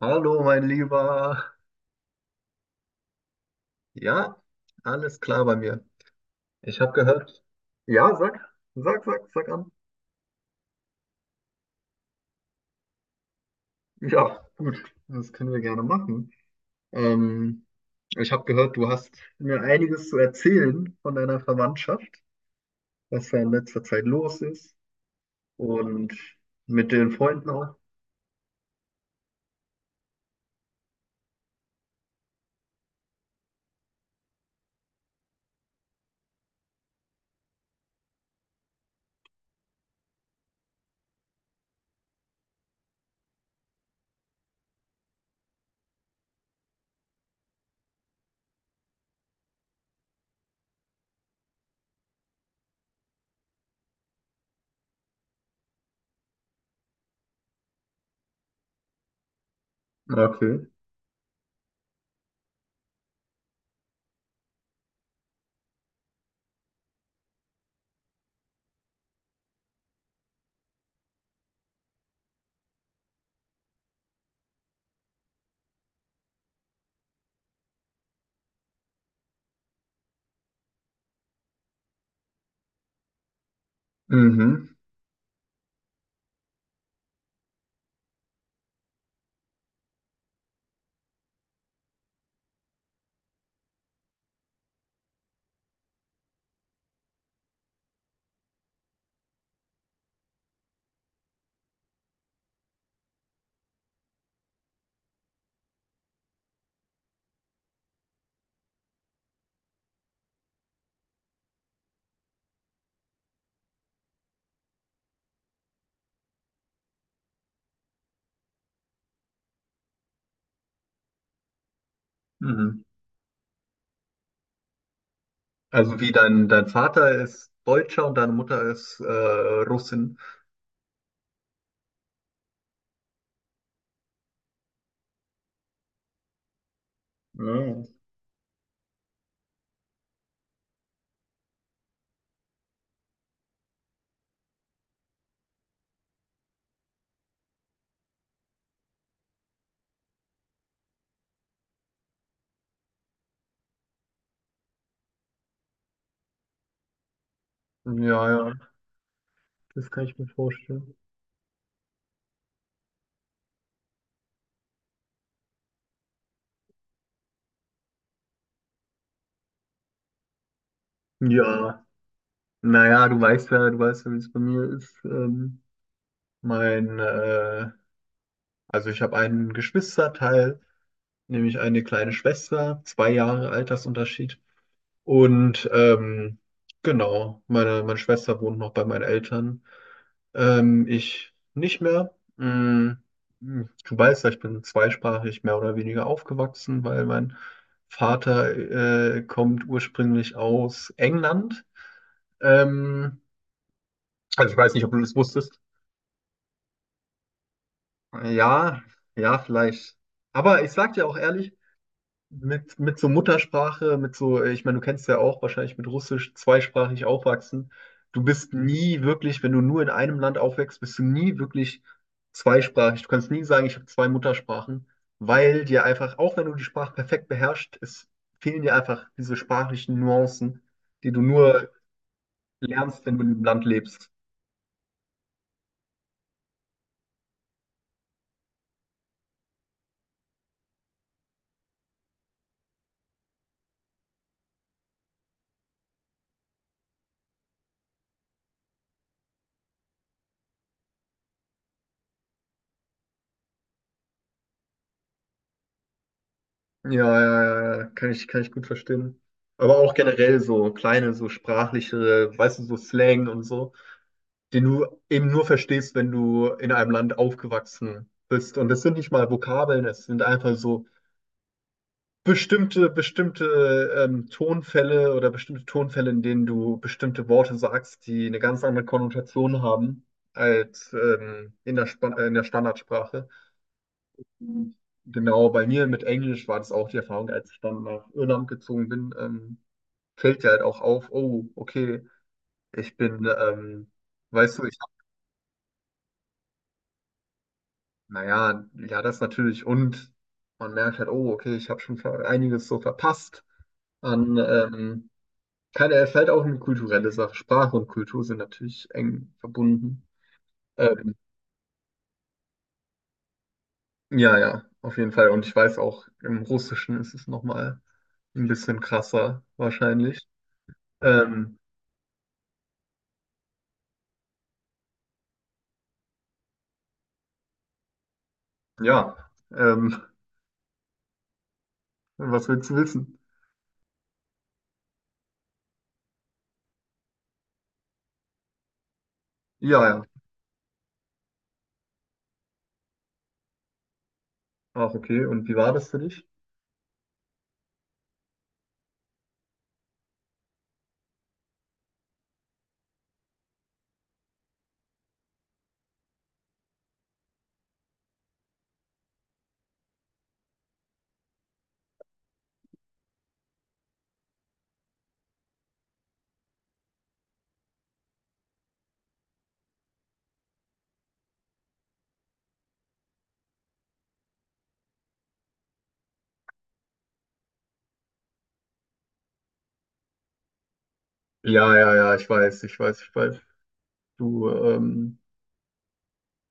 Hallo, mein Lieber. Ja, alles klar bei mir. Ich habe gehört. Ja, sag an. Ja, gut, das können wir gerne machen. Ähm, ich habe gehört, du hast mir einiges zu erzählen von deiner Verwandtschaft, was da in letzter Zeit los ist und mit den Freunden auch. Okay. Mhm. Mhm. Also wie dein Vater ist Deutscher und deine Mutter ist Russin. Ja, ja, ja. Das kann ich mir vorstellen. Ja, naja, du weißt ja, wie es bei mir ist. Mein, äh, also ich habe einen Geschwisterteil, nämlich eine kleine Schwester, zwei Jahre Altersunterschied. Und genau, meine Schwester wohnt noch bei meinen Eltern. Ich nicht mehr. Du weißt ja, ich bin zweisprachig mehr oder weniger aufgewachsen, weil mein Vater kommt ursprünglich aus England. Ähm, also ich weiß nicht, ob du das wusstest. Ja, ja, vielleicht. Aber ich sag dir auch ehrlich, mit so Muttersprache, mit so, ich meine, du kennst ja auch wahrscheinlich mit Russisch zweisprachig aufwachsen. Du bist nie wirklich, wenn du nur in einem Land aufwächst, bist du nie wirklich zweisprachig. Du kannst nie sagen, ich habe zwei Muttersprachen, weil dir einfach, auch wenn du die Sprache perfekt beherrschst, es fehlen dir einfach diese sprachlichen Nuancen, die du nur lernst, wenn du in einem Land lebst. Ja, ja, ja, ja, kann ich gut verstehen. Aber auch generell so kleine, so sprachlichere, weißt du, so Slang und so, den du eben nur verstehst, wenn du in einem Land aufgewachsen bist. Und das sind nicht mal Vokabeln, es sind einfach so bestimmte Tonfälle oder bestimmte Tonfälle, in denen du bestimmte Worte sagst, die eine ganz andere Konnotation haben als in der Standardsprache. Mhm. Genau, bei mir mit Englisch war das auch die Erfahrung, als ich dann nach Irland gezogen bin, fällt dir halt auch auf, oh, okay, ich bin, ähm, weißt du, ich Naja, ja, ja, das natürlich. Und man merkt halt, oh, okay, ich habe schon einiges so verpasst an, keine, es ist halt auch eine kulturelle Sache. Sprache und Kultur sind natürlich eng verbunden. Ähm, ja, ja, auf jeden Fall. Und ich weiß auch, im Russischen ist es nochmal ein bisschen krasser, wahrscheinlich. Ähm, ja, ähm, was willst du wissen? Ja, ja. Ach, okay. Und wie war das für dich? Ja, ja, ja, ich weiß, ich weiß, ich weiß. Du,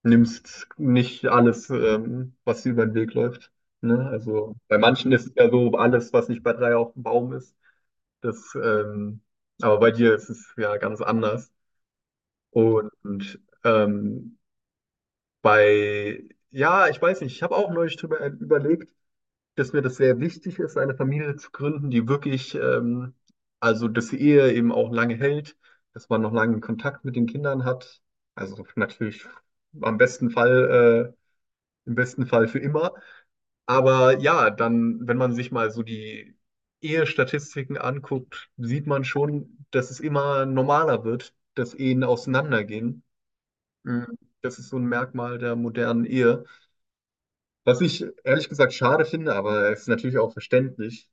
nimmst nicht alles, was dir über den Weg läuft. Ne? Also bei manchen ist es ja so, alles, was nicht bei drei auf dem Baum ist. Das, ähm, aber bei dir ist es ja ganz anders. Und ähm, bei, ja, ich weiß nicht, ich habe auch neulich drüber überlegt, dass mir das sehr wichtig ist, eine Familie zu gründen, die wirklich, also dass die Ehe eben auch lange hält, dass man noch lange Kontakt mit den Kindern hat. Also natürlich am besten Fall. Im besten Fall für immer. Aber ja, dann, wenn man sich mal so die Ehestatistiken anguckt, sieht man schon, dass es immer normaler wird, dass Ehen auseinandergehen. Mhm. Das ist so ein Merkmal der modernen Ehe. Was ich ehrlich gesagt schade finde, aber es ist natürlich auch verständlich.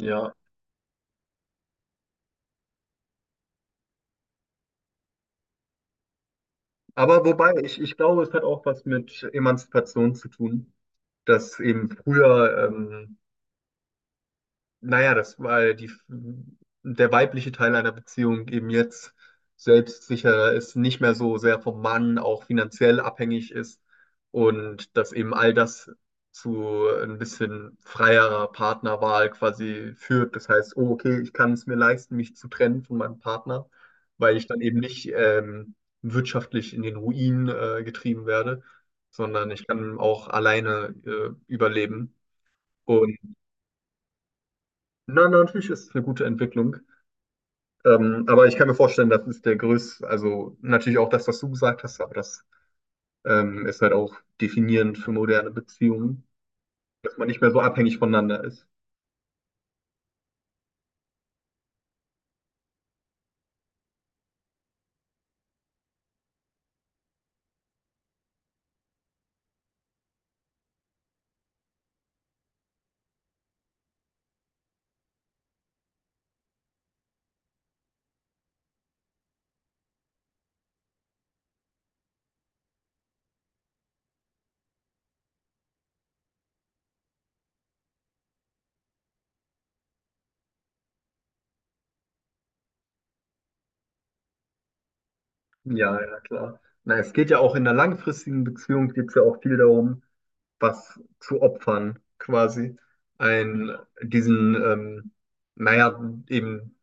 Ja. Aber wobei, ich glaube, es hat auch was mit Emanzipation zu tun, dass eben früher naja, das weil die, der weibliche Teil einer Beziehung eben jetzt selbstsicherer ist, nicht mehr so sehr vom Mann auch finanziell abhängig ist und dass eben all das zu ein bisschen freierer Partnerwahl quasi führt. Das heißt, oh, okay, ich kann es mir leisten, mich zu trennen von meinem Partner, weil ich dann eben nicht wirtschaftlich in den Ruin getrieben werde, sondern ich kann auch alleine überleben. Und na, na, natürlich ist es eine gute Entwicklung. Aber ich kann mir vorstellen, das ist der größte, also natürlich auch das, was du gesagt hast, aber das ist halt auch definierend für moderne Beziehungen, dass man nicht mehr so abhängig voneinander ist. Ja, ja, klar. Na, es geht ja auch in einer langfristigen Beziehung, geht es ja auch viel darum, was zu opfern, quasi. Ein, diesen, ähm, naja, eben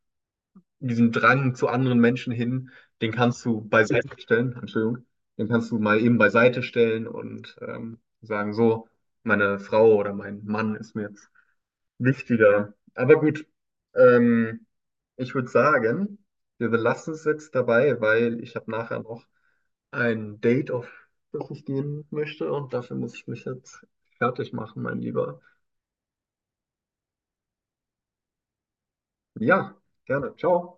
diesen Drang zu anderen Menschen hin, den kannst du beiseite stellen, Entschuldigung, den kannst du mal eben beiseite stellen und sagen, so, meine Frau oder mein Mann ist mir jetzt wichtiger. Aber gut, ähm, ich würde sagen, wir belassen es jetzt dabei, weil ich habe nachher noch ein Date, auf das ich gehen möchte und dafür muss ich mich jetzt fertig machen, mein Lieber. Ja, gerne. Ciao.